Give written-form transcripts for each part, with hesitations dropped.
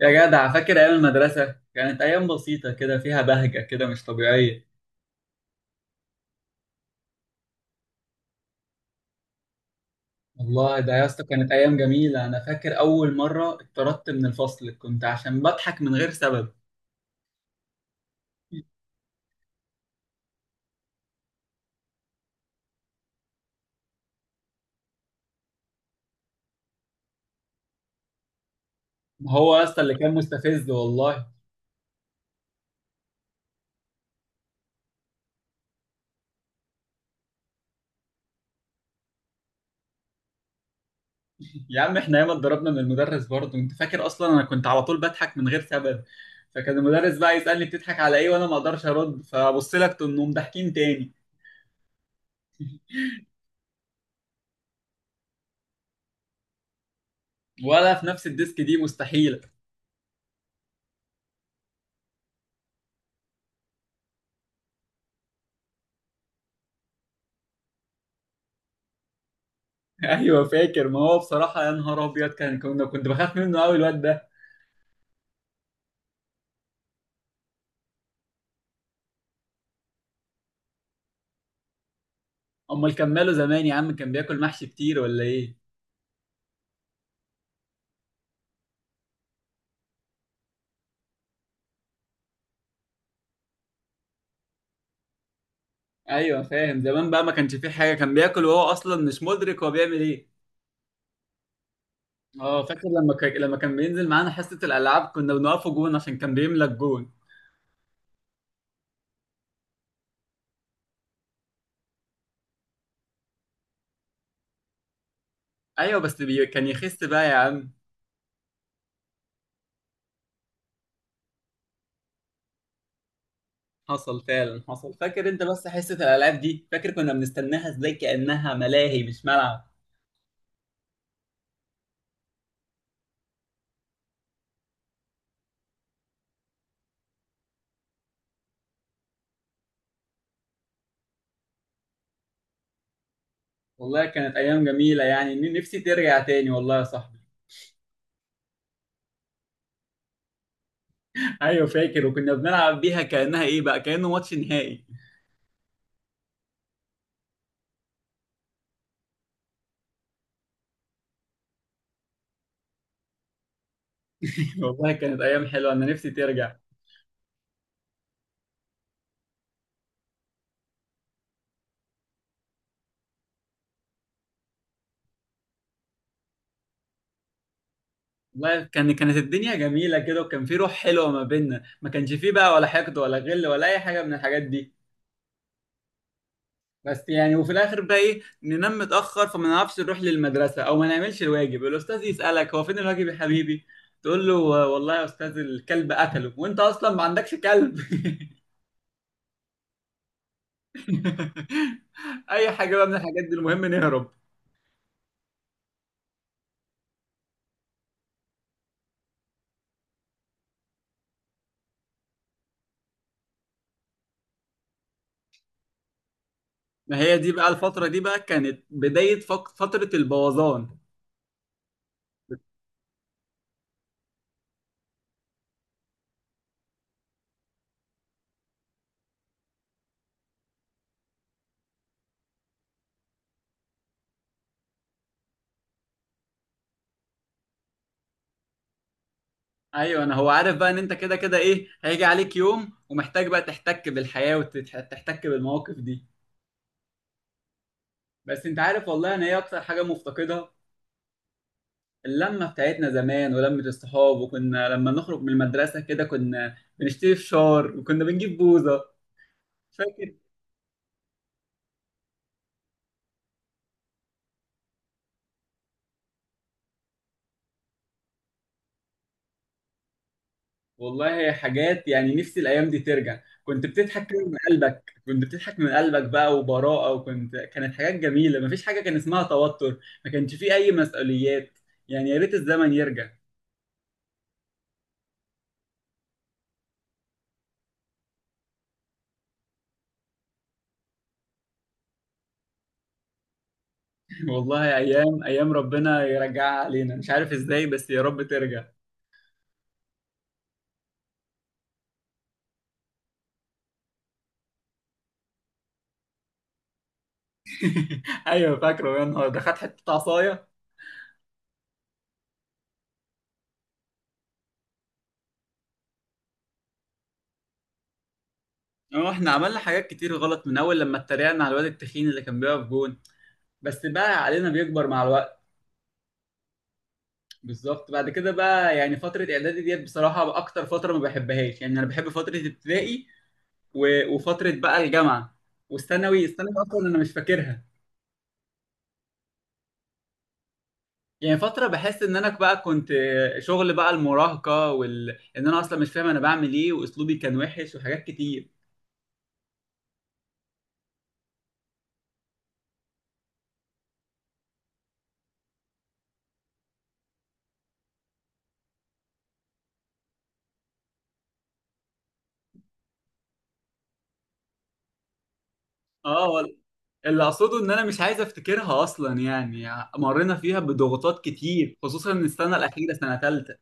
يا جدع، فاكر ايام المدرسه؟ كانت ايام بسيطه كده فيها بهجه كده مش طبيعيه. والله ده يا اسطى كانت ايام جميله. انا فاكر اول مره اتطردت من الفصل كنت عشان بضحك من غير سبب. ما هو يا اسطى اللي كان مستفز والله. يا عم احنا ياما اتضربنا من المدرس برضه. انت فاكر؟ اصلا انا كنت على طول بضحك من غير سبب، فكان المدرس بقى يسالني بتضحك على ايه، وانا ما اقدرش ارد، فابص لك تنوم ضاحكين تاني. ولا في نفس الديسك، دي مستحيله. ايوه فاكر. ما هو بصراحه يا نهار ابيض، كان كنا كنت بخاف منه قوي الواد ده. امال كان ماله زمان يا عم؟ كان بياكل محشي كتير ولا ايه؟ ايوه فاهم. زمان بقى ما كانش فيه حاجه، كان بياكل وهو اصلا مش مدرك هو بيعمل ايه. اه فاكر، لما لما كان بينزل معانا حصه الالعاب كنا بنقفه جون عشان كان بيملى الجون. ايوه بس كان يخس بقى يا عم. حصل فعلا حصل. فاكر انت بس حصه الالعاب دي؟ فاكر كنا بنستناها ازاي؟ كانها ملاهي مش ملعب. والله كانت ايام جميله يعني، نفسي ترجع تاني والله يا صاحبي. ايوه فاكر، وكنا بنلعب بيها كانها ايه بقى، كانه ماتش نهائي. والله كانت ايام حلوه، انا نفسي ترجع. والله كانت الدنيا جميله كده، وكان في روح حلوه ما بيننا، ما كانش فيه بقى ولا حقد ولا غل ولا اي حاجه من الحاجات دي. بس يعني وفي الاخر بقى ايه، ننام متاخر فما نعرفش نروح للمدرسه او ما نعملش الواجب، الاستاذ يسالك هو فين الواجب يا حبيبي. تقول له: والله يا استاذ الكلب قتله، وانت اصلا ما عندكش كلب. اي حاجه بقى من الحاجات دي، المهم نهرب. ما هي دي بقى الفتره دي بقى كانت بدايه فتره البوظان. ايوه، انا هو عارف بقى ان انت كده كده ايه هيجي عليك يوم ومحتاج بقى تحتك بالحياه وتحتك بالمواقف دي. بس انت عارف والله، انا ايه اكتر حاجه مفتقدها؟ اللمه بتاعتنا زمان ولمه الصحاب. وكنا لما نخرج من المدرسه كده كنا بنشتري فشار وكنا بنجيب بوظه. فاكر؟ والله حاجات يعني نفسي الايام دي ترجع. كنت بتضحك كده من قلبك، كنت بتضحك من قلبك بقى وبراءه، وكنت كانت حاجات جميله، مفيش حاجه كان اسمها توتر. ما كانش فيه اي مسؤوليات. يعني يا ريت الزمن يرجع. والله ايام ايام ربنا يرجعها علينا، مش عارف ازاي بس يا رب ترجع. ايوه فاكره، يا نهار ده خد حته عصايه. اه احنا عملنا حاجات كتير غلط، من اول لما اتريقنا على الواد التخين اللي كان بيقف جون. بس بقى علينا بيكبر مع الوقت. بالظبط. بعد كده بقى يعني فتره اعدادي ديت بصراحه اكتر فتره ما بحبهاش يعني. انا بحب فتره ابتدائي و... وفتره بقى الجامعه. والثانوي اصلا انا مش فاكرها. يعني فترة بحس ان انا بقى كنت شغل بقى المراهقة ان انا اصلا مش فاهم انا بعمل ايه، واسلوبي كان وحش وحاجات كتير. اه اللي اقصده ان انا مش عايز افتكرها اصلا يعني. مرينا فيها بضغوطات كتير، خصوصا من السنة الاخيرة سنة تالتة.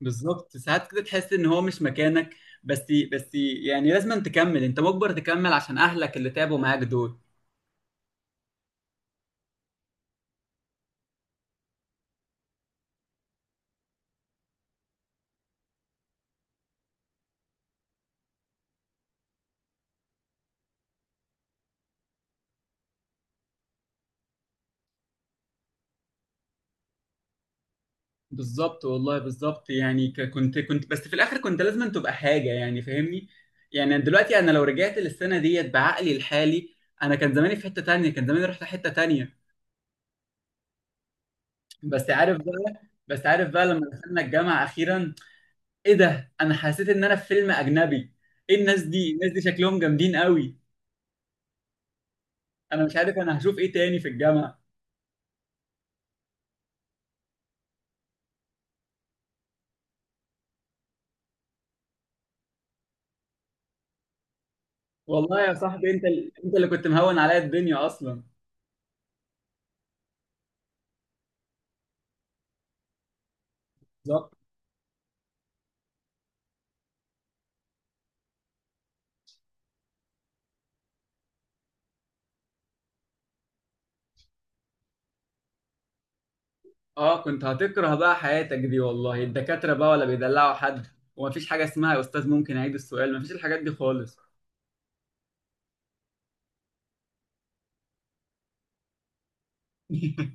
بالظبط، ساعات كده تحس ان هو مش مكانك. بس بس يعني لازم أن تكمل، انت مجبر تكمل عشان اهلك اللي تعبوا معاك دول. بالظبط والله بالظبط يعني كنت بس في الاخر كنت لازم أن تبقى حاجه يعني، فاهمني. يعني دلوقتي انا لو رجعت للسنه ديت بعقلي الحالي، انا كان زماني في حته تانية، كان زماني رحت حته تانية. بس عارف بقى بس عارف بقى لما دخلنا الجامعه اخيرا، ايه ده، انا حسيت ان انا في فيلم اجنبي. ايه الناس دي، الناس دي شكلهم جامدين قوي. انا مش عارف انا هشوف ايه تاني في الجامعه. والله يا صاحبي، انت انت اللي كنت مهون عليا الدنيا اصلا. بالظبط. اه كنت هتكره بقى حياتك دي والله، الدكاترة بقى ولا بيدلعوا حد، ومفيش حاجة اسمها يا أستاذ ممكن أعيد السؤال، مفيش الحاجات دي خالص.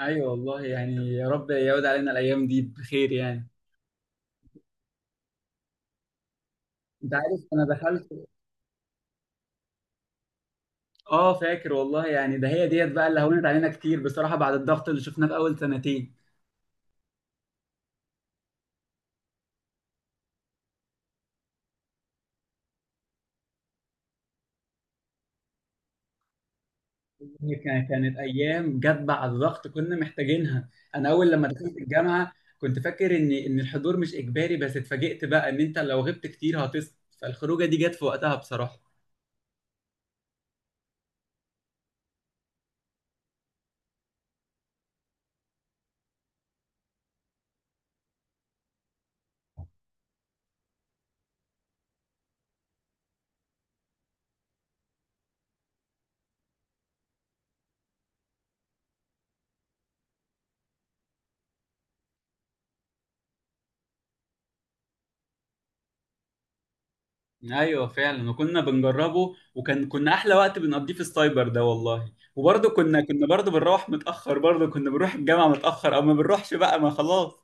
أيوة والله يعني، يا رب يعود علينا الأيام دي بخير يعني. أنت عارف أنا دخلت. اه فاكر والله يعني. ده هي ديت بقى اللي هونت علينا كتير بصراحة، بعد الضغط اللي شفناه في أول سنتين. هي كانت أيام جت بعد الضغط كنا محتاجينها. أنا أول لما دخلت الجامعة كنت فاكر إن الحضور مش إجباري، بس اتفاجئت بقى إن أنت لو غبت كتير هتسقط. فالخروجة دي جت في وقتها بصراحة. ايوه فعلا، وكنا بنجربه وكان احلى وقت بنقضيه في السايبر ده والله، وبرضه كنا برضه بنروح متاخر، برضه كنا بنروح الجامعه متاخر او ما بنروحش بقى ما خلاص.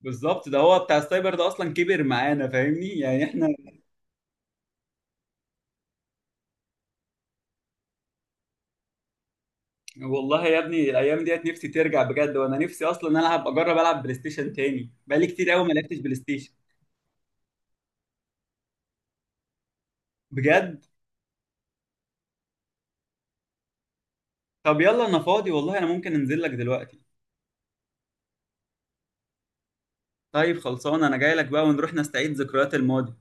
بالظبط، ده هو بتاع السايبر ده اصلا كبر معانا، فاهمني يعني احنا. والله يا ابني الايام ديت نفسي ترجع بجد، وانا نفسي اصلا العب اجرب العب بلاي ستيشن تاني، بقالي كتير قوي ما لعبتش بلاي ستيشن. بجد؟ طب يلا انا فاضي والله، انا ممكن انزل لك دلوقتي. طيب خلصان، انا جاي لك بقى ونروح نستعيد ذكريات الماضي.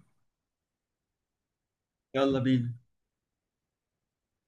يلا بينا.